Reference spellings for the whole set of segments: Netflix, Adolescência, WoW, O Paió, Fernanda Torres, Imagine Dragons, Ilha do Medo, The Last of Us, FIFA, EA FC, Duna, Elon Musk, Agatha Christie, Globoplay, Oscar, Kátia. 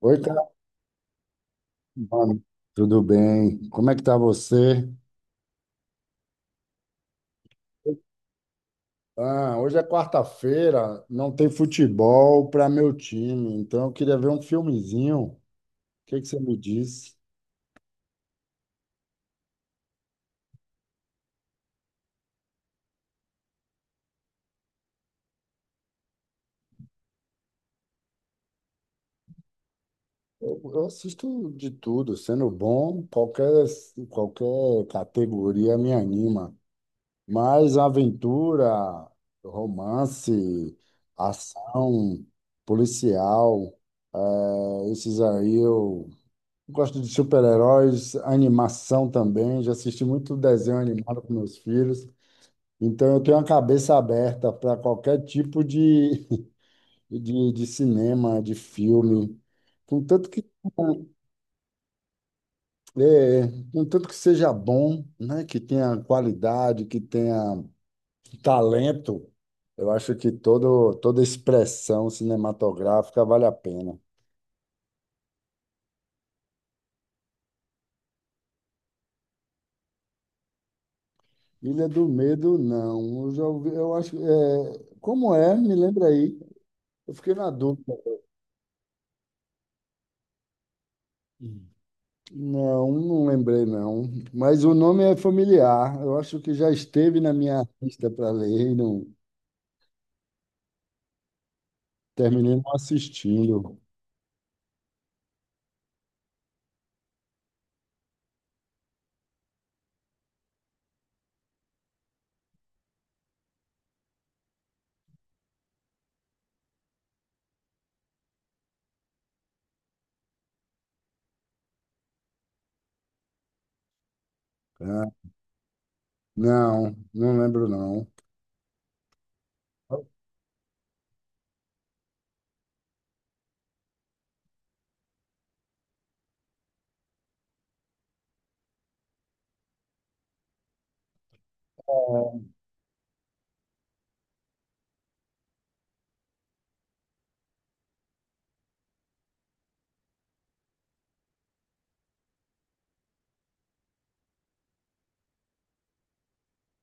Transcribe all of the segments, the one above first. Oi, Carmano. Tudo bem? Como é que tá você? Ah, hoje é quarta-feira, não tem futebol para meu time, então eu queria ver um filmezinho. O que que você me diz? Eu assisto de tudo, sendo bom, qualquer categoria me anima. Mas aventura, romance, ação, policial, esses aí eu gosto de super-heróis, animação também. Já assisti muito desenho animado com meus filhos. Então, eu tenho a cabeça aberta para qualquer tipo de, de cinema, de filme. Contanto que, é, contanto que seja bom, né? Que tenha qualidade, que tenha talento. Eu acho que toda expressão cinematográfica vale a pena. Ilha do Medo, não. Eu já ouvi, eu acho, é, como é? Me lembra aí. Eu fiquei na dúvida. Não, não lembrei não. Mas o nome é familiar. Eu acho que já esteve na minha lista para ler e não terminei não assistindo. Ah, não, não lembro não.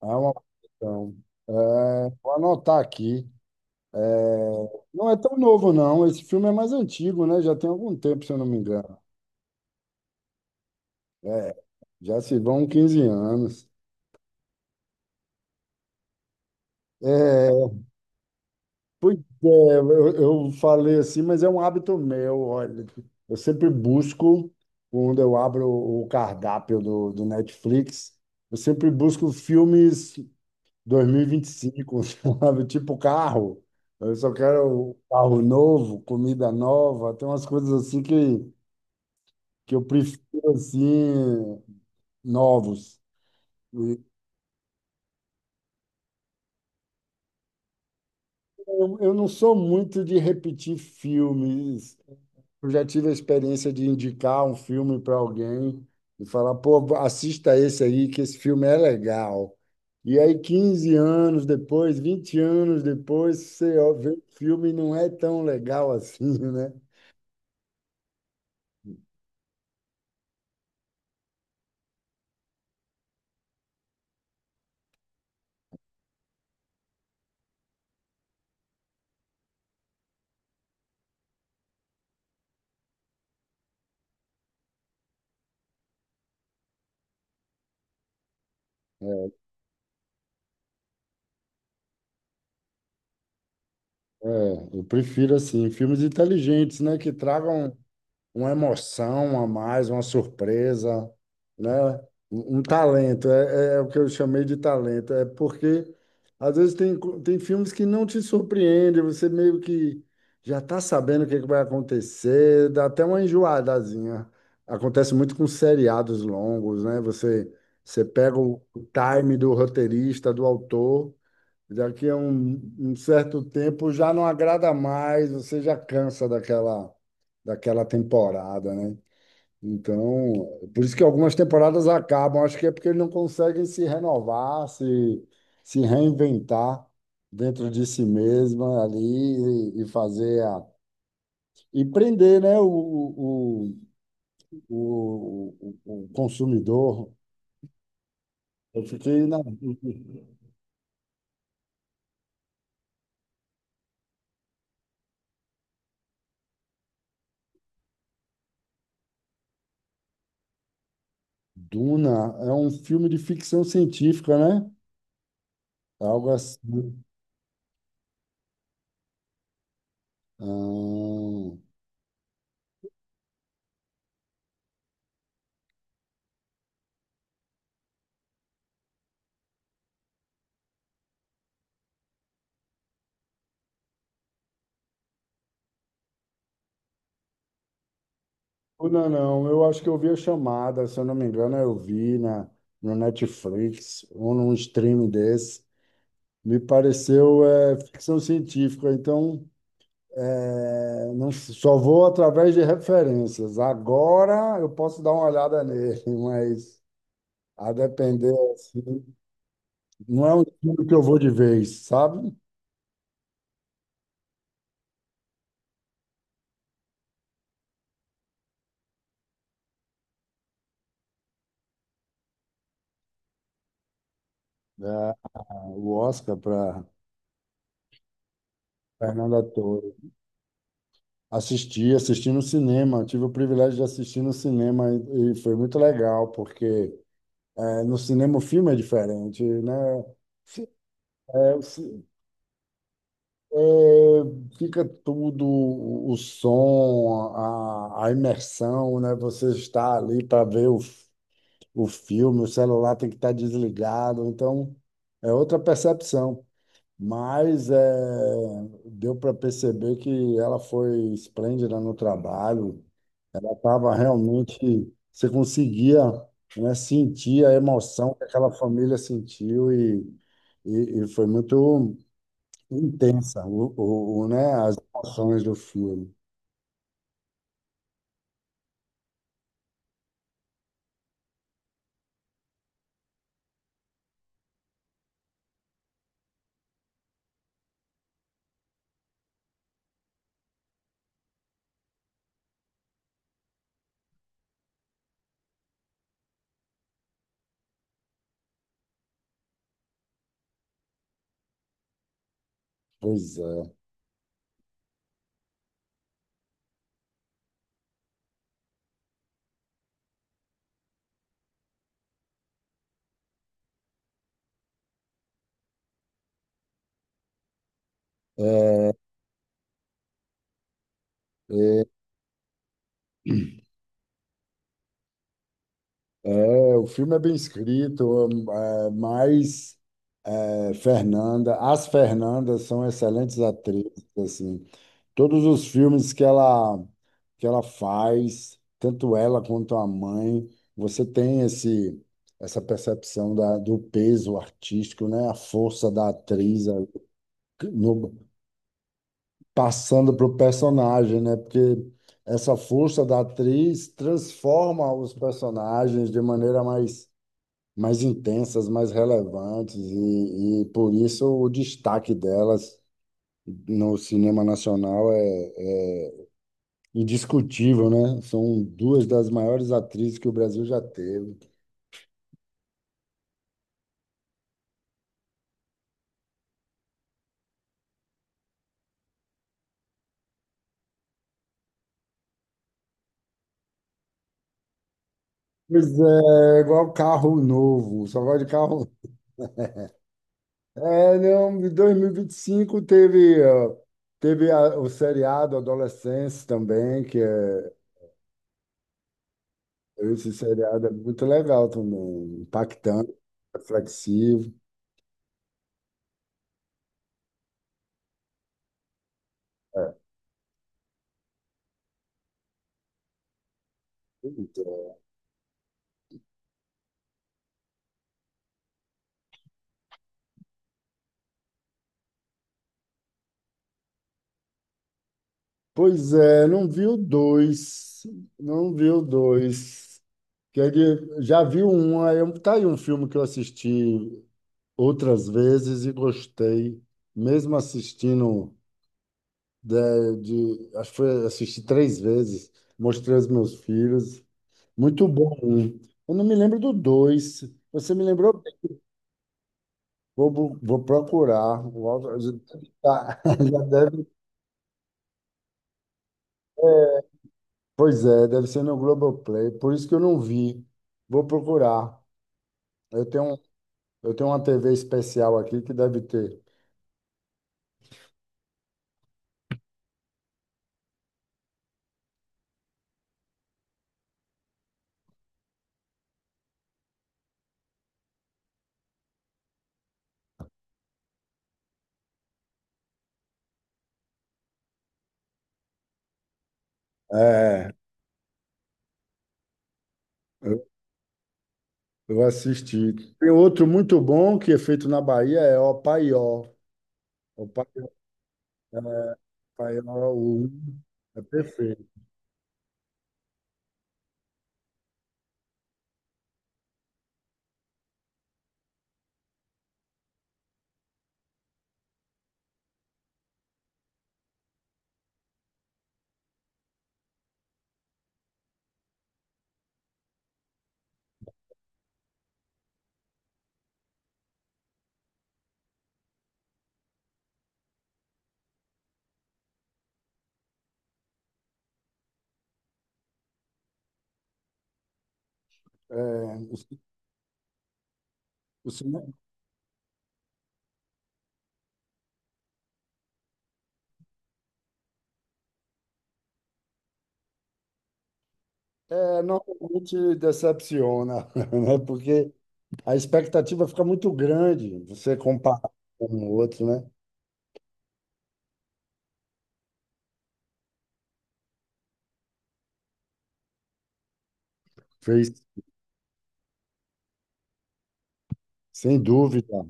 É uma questão. É, vou anotar aqui. É, não é tão novo não. Esse filme é mais antigo, né? Já tem algum tempo, se eu não me engano. É, já se vão 15 anos. É, pois é, eu falei assim, mas é um hábito meu, olha. Eu sempre busco, quando eu abro o cardápio do Netflix, eu sempre busco filmes 2025, sabe? Tipo carro. Eu só quero carro novo, comida nova, tem umas coisas assim que eu prefiro, assim, novos. E eu não sou muito de repetir filmes. Eu já tive a experiência de indicar um filme para alguém e falar, pô, assista esse aí, que esse filme é legal. E aí, 15 anos depois, 20 anos depois, você ó, vê o filme e não é tão legal assim, né? É, eu prefiro assim, filmes inteligentes, né? Que tragam uma emoção a mais, uma surpresa, né? Um talento, é, é o que eu chamei de talento. É porque, às vezes, tem, tem filmes que não te surpreendem, você meio que já está sabendo o que é que vai acontecer, dá até uma enjoadazinha. Acontece muito com seriados longos, né? Você pega o time do roteirista, do autor. Daqui a um certo tempo já não agrada mais, você já cansa daquela, daquela temporada, né? Então, por isso que algumas temporadas acabam, acho que é porque eles não conseguem se renovar, se reinventar dentro de si mesma ali e fazer a, e prender, né, o, o consumidor. Eu fiquei na Duna, é um filme de ficção científica, né? Algo assim. Ah, não, não, eu acho que eu vi a chamada, se eu não me engano, eu vi na, no Netflix ou num streaming desse. Me pareceu é, ficção científica, então é, não, só vou através de referências. Agora eu posso dar uma olhada nele, mas a depender, assim, não é um filme que eu vou de vez, sabe? É, o Oscar para Fernanda Torres. Assisti, assisti no cinema, tive o privilégio de assistir no cinema e foi muito legal, porque no cinema o filme é diferente, né? Fi- é, é, fica tudo, o som, a imersão, né? Você está ali para ver o, o filme, o celular tem que estar desligado, então é outra percepção. Mas é, deu para perceber que ela foi esplêndida no trabalho. Tava realmente, você conseguia, né, sentir a emoção que aquela família sentiu e foi muito intensa, né, as emoções do filme. Pois é. É, é, o filme é bem escrito, é, mas é, Fernanda, as Fernandas são excelentes atrizes, assim. Todos os filmes que ela faz, tanto ela quanto a mãe, você tem esse essa percepção da, do peso artístico, né? A força da atriz no, passando para o personagem, né? Porque essa força da atriz transforma os personagens de maneira mais mais intensas, mais relevantes e por isso o destaque delas no cinema nacional é indiscutível, né? São duas das maiores atrizes que o Brasil já teve. Pois é, igual carro novo, só gosto de carro. É, não, em 2025 teve, ó, teve o seriado Adolescência também, que é esse seriado é muito legal também, impactante, reflexivo. Pois é, não vi o dois, não vi o dois. Que ele já viu um, aí tá aí um filme que eu assisti outras vezes e gostei, mesmo assistindo de, acho que foi, assisti três vezes, mostrei aos meus filhos, muito bom. Um. Eu não me lembro do dois. Você me lembrou bem. Vou, vou procurar. O Aldo. Já deve tá. Já deve. Pois é, deve ser no Globoplay. Por isso que eu não vi. Vou procurar. Eu tenho, eu tenho uma TV especial aqui que deve ter. É. Eu assisti. Assistir. Tem outro muito bom que é feito na Bahia, é O Paió. O Paió, é, Paió o um é perfeito. É, o, o cinema é, normalmente decepciona, né? Porque a expectativa fica muito grande, você comparar com o outro, né? Fez, sem dúvida.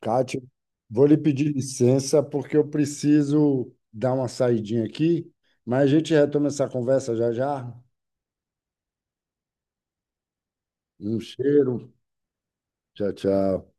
Kátia, vou lhe pedir licença porque eu preciso dar uma saidinha aqui, mas a gente retoma essa conversa já já. Um cheiro. Tchau, tchau.